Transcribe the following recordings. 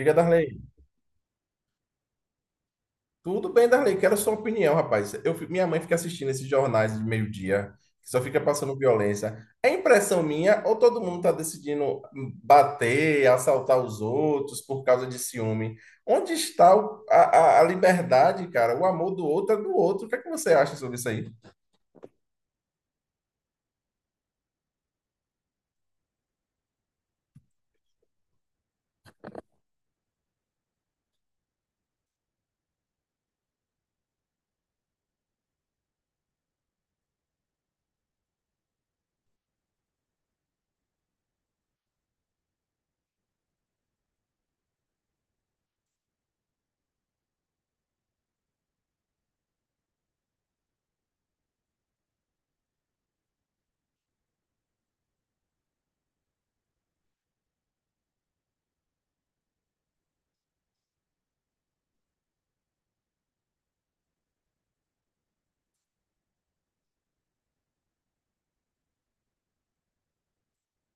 Diga, Darley. Tudo bem, Darley. Quero sua opinião, rapaz. Minha mãe fica assistindo esses jornais de meio-dia, que só fica passando violência. É impressão minha ou todo mundo está decidindo bater, assaltar os outros por causa de ciúme? Onde está a liberdade, cara? O amor do outro é do outro. O que é que você acha sobre isso aí?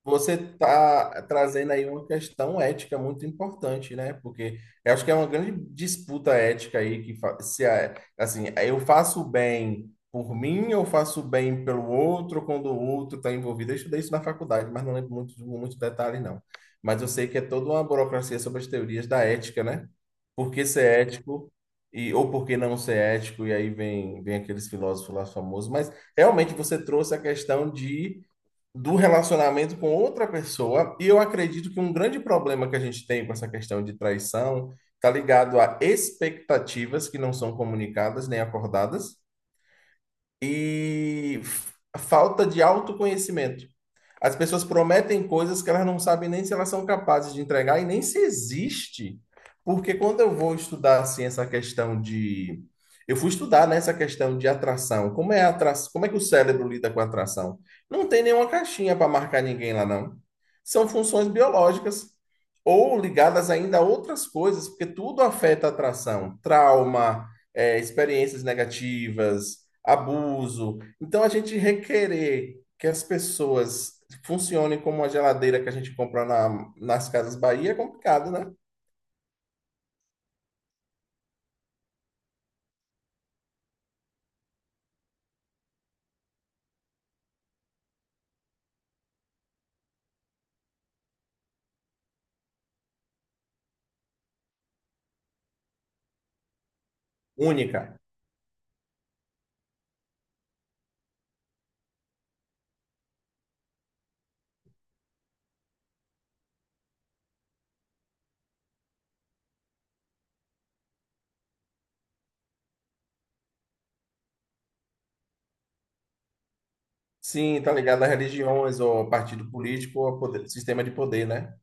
Você está trazendo aí uma questão ética muito importante, né? Porque eu acho que é uma grande disputa ética aí que fa- se a- assim, eu faço o bem por mim ou faço o bem pelo outro quando o outro está envolvido. Eu estudei isso na faculdade, mas não lembro muitos detalhes, não. Mas eu sei que é toda uma burocracia sobre as teorias da ética, né? Por que ser ético e ou por que não ser ético? E aí vem aqueles filósofos lá famosos, mas realmente você trouxe a questão de do relacionamento com outra pessoa. E eu acredito que um grande problema que a gente tem com essa questão de traição está ligado a expectativas que não são comunicadas nem acordadas e a falta de autoconhecimento. As pessoas prometem coisas que elas não sabem nem se elas são capazes de entregar e nem se existe. Porque quando eu vou estudar assim essa questão de eu fui estudar nessa questão de atração, como é a atra... como é que o cérebro lida com a atração? Não tem nenhuma caixinha para marcar ninguém lá não. São funções biológicas ou ligadas ainda a outras coisas, porque tudo afeta a atração, trauma, experiências negativas, abuso. Então, a gente requerer que as pessoas funcionem como a geladeira que a gente compra nas Casas Bahia é complicado, né? Única. Sim, tá ligado a religiões, ou a partido político, ou a sistema de poder, né?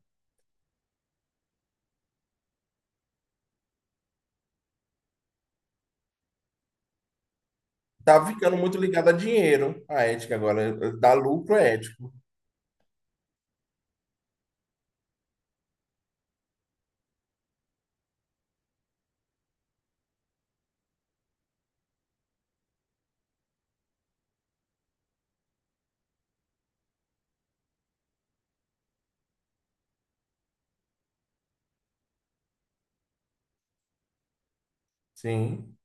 Tá ficando muito ligado a dinheiro, a ética agora. Dar lucro é ético. Sim,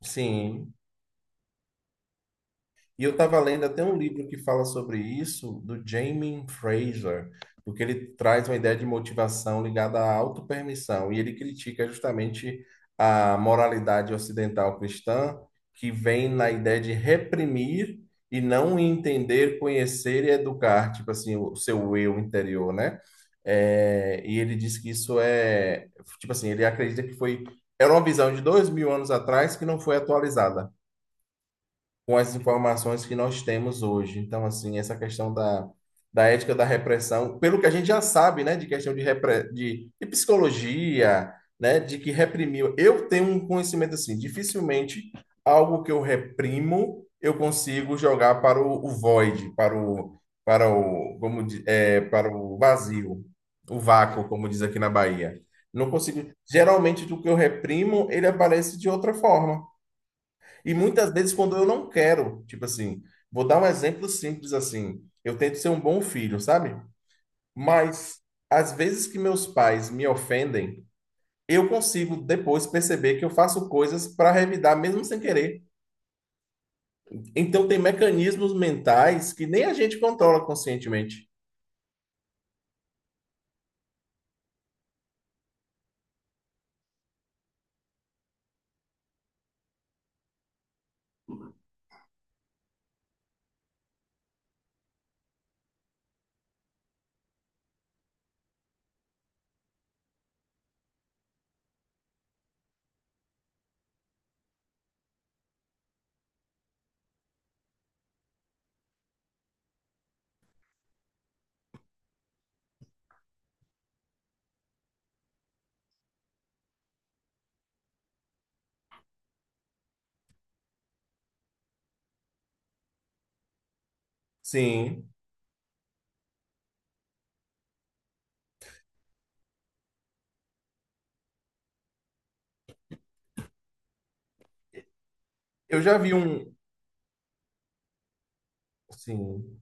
sim. E eu estava lendo até um livro que fala sobre isso, do Jamie Fraser, porque ele traz uma ideia de motivação ligada à autopermissão, e ele critica justamente a moralidade ocidental cristã, que vem na ideia de reprimir e não entender, conhecer e educar, tipo assim, o seu eu interior, né? É, e ele diz que isso é, tipo assim, ele acredita que foi, era uma visão de 2000 anos atrás que não foi atualizada com as informações que nós temos hoje. Então, assim, essa questão da ética da repressão, pelo que a gente já sabe, né, de questão de de psicologia, né, de que reprimiu. Eu tenho um conhecimento assim, dificilmente algo que eu reprimo eu consigo jogar para o void, para o vazio, o vácuo, como diz aqui na Bahia. Não consigo. Geralmente, do que eu reprimo, ele aparece de outra forma. E muitas vezes quando eu não quero, tipo assim, vou dar um exemplo simples assim, eu tento ser um bom filho, sabe? Mas às vezes que meus pais me ofendem, eu consigo depois perceber que eu faço coisas para revidar mesmo sem querer. Então tem mecanismos mentais que nem a gente controla conscientemente. Sim, eu já vi um, sim,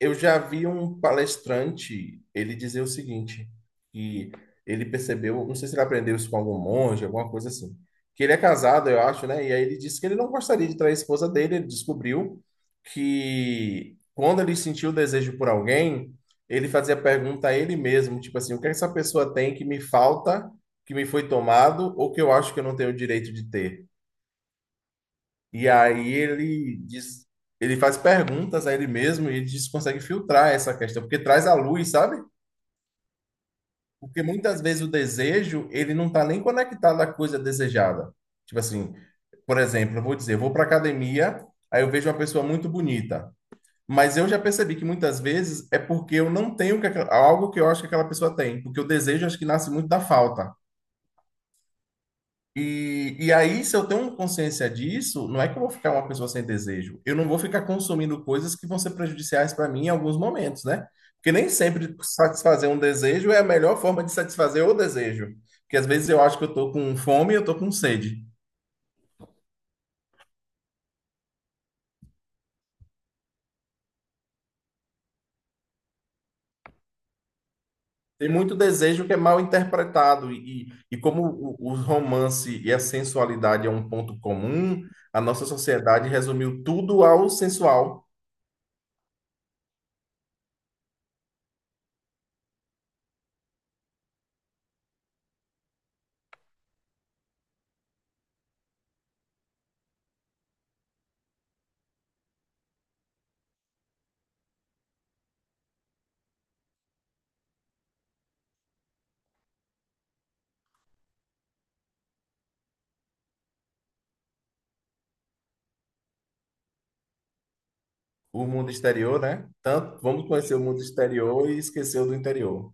eu já vi um palestrante ele dizer o seguinte, que ele percebeu, não sei se ele aprendeu isso com algum monge, alguma coisa assim, que ele é casado, eu acho, né? E aí ele disse que ele não gostaria de trair a esposa dele, ele descobriu que quando ele sentiu o desejo por alguém, ele fazia pergunta a ele mesmo, tipo assim, o que essa pessoa tem que me falta, que me foi tomado, ou que eu acho que eu não tenho o direito de ter? E aí ele diz, ele faz perguntas a ele mesmo e ele diz que consegue filtrar essa questão, porque traz à luz, sabe? Porque muitas vezes o desejo, ele não está nem conectado à coisa desejada. Tipo assim, por exemplo, eu vou dizer, eu vou para academia, aí eu vejo uma pessoa muito bonita, mas eu já percebi que muitas vezes é porque eu não tenho que algo que eu acho que aquela pessoa tem, porque o desejo acho que nasce muito da falta. E aí, se eu tenho consciência disso, não é que eu vou ficar uma pessoa sem desejo. Eu não vou ficar consumindo coisas que vão ser prejudiciais para mim em alguns momentos, né? Porque nem sempre satisfazer um desejo é a melhor forma de satisfazer o desejo. Porque às vezes eu acho que eu estou com fome e eu estou com sede. Tem muito desejo que é mal interpretado. E como o romance e a sensualidade é um ponto comum, a nossa sociedade resumiu tudo ao sensual. O mundo exterior, né? Tanto vamos conhecer o mundo exterior e esquecer o do interior.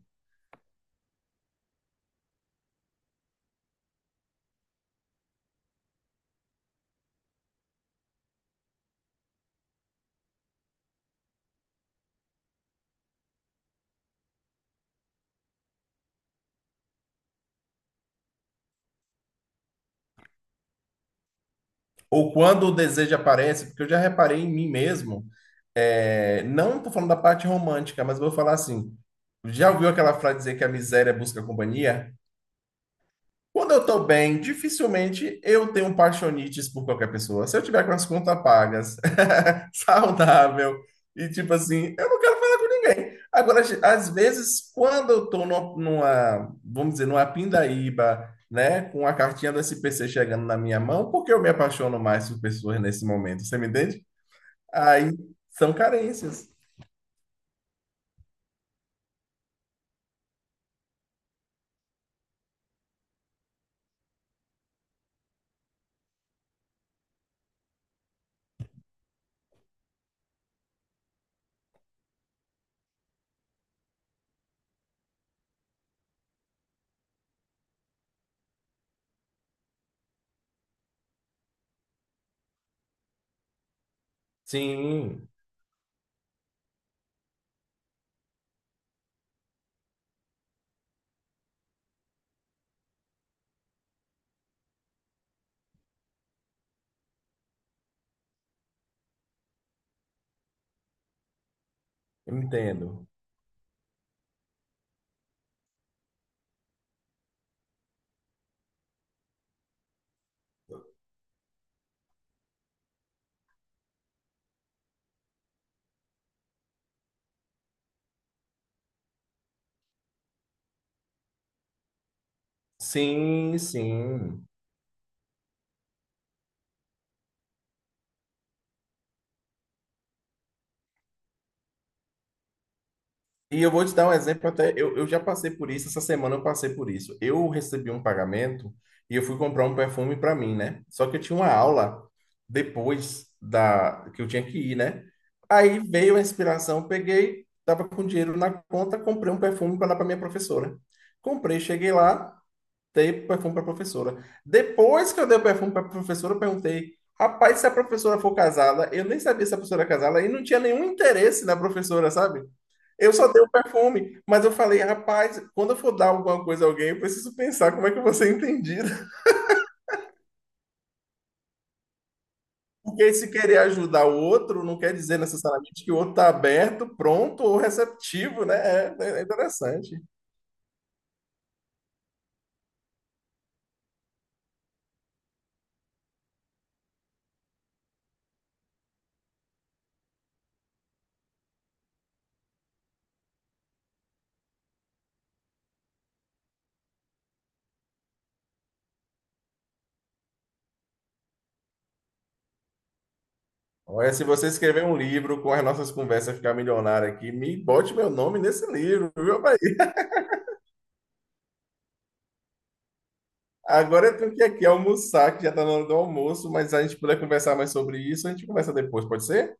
Ou quando o desejo aparece, porque eu já reparei em mim mesmo, é, não estou falando da parte romântica, mas vou falar assim. Já ouviu aquela frase dizer que a miséria busca companhia? Quando eu estou bem, dificilmente eu tenho paixonites por qualquer pessoa. Se eu tiver com as contas pagas, saudável, e tipo assim, eu não quero falar com ninguém. Agora, às vezes, quando eu estou numa, vamos dizer, numa pindaíba, né, com a cartinha do SPC chegando na minha mão, porque eu me apaixono mais por pessoas nesse momento, você me entende? Aí são carências. Sim, entendo. Sim, sim. E eu vou te dar um exemplo até, eu já passei por isso, essa semana eu passei por isso. Eu recebi um pagamento e eu fui comprar um perfume para mim, né? Só que eu tinha uma aula depois da que eu tinha que ir, né? Aí veio a inspiração, peguei, tava com dinheiro na conta, comprei um perfume para dar para minha professora. Comprei, cheguei lá, dei o perfume para a professora. Depois que eu dei o perfume para a professora, eu perguntei: rapaz, se a professora for casada, eu nem sabia se a professora era casada e não tinha nenhum interesse na professora, sabe? Eu só dei o perfume, mas eu falei, rapaz, quando eu for dar alguma coisa a alguém, eu preciso pensar como é que eu vou ser entendido. Porque se querer ajudar o outro, não quer dizer necessariamente que o outro está aberto, pronto ou receptivo, né? É é interessante. Olha, se você escrever um livro com as nossas conversas ficar milionário aqui, me bote meu nome nesse livro, viu? Agora eu tenho que ir aqui almoçar, que já está na hora do almoço, mas se a gente puder conversar mais sobre isso, a gente conversa depois, pode ser?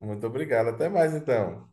Muito obrigado, até mais então.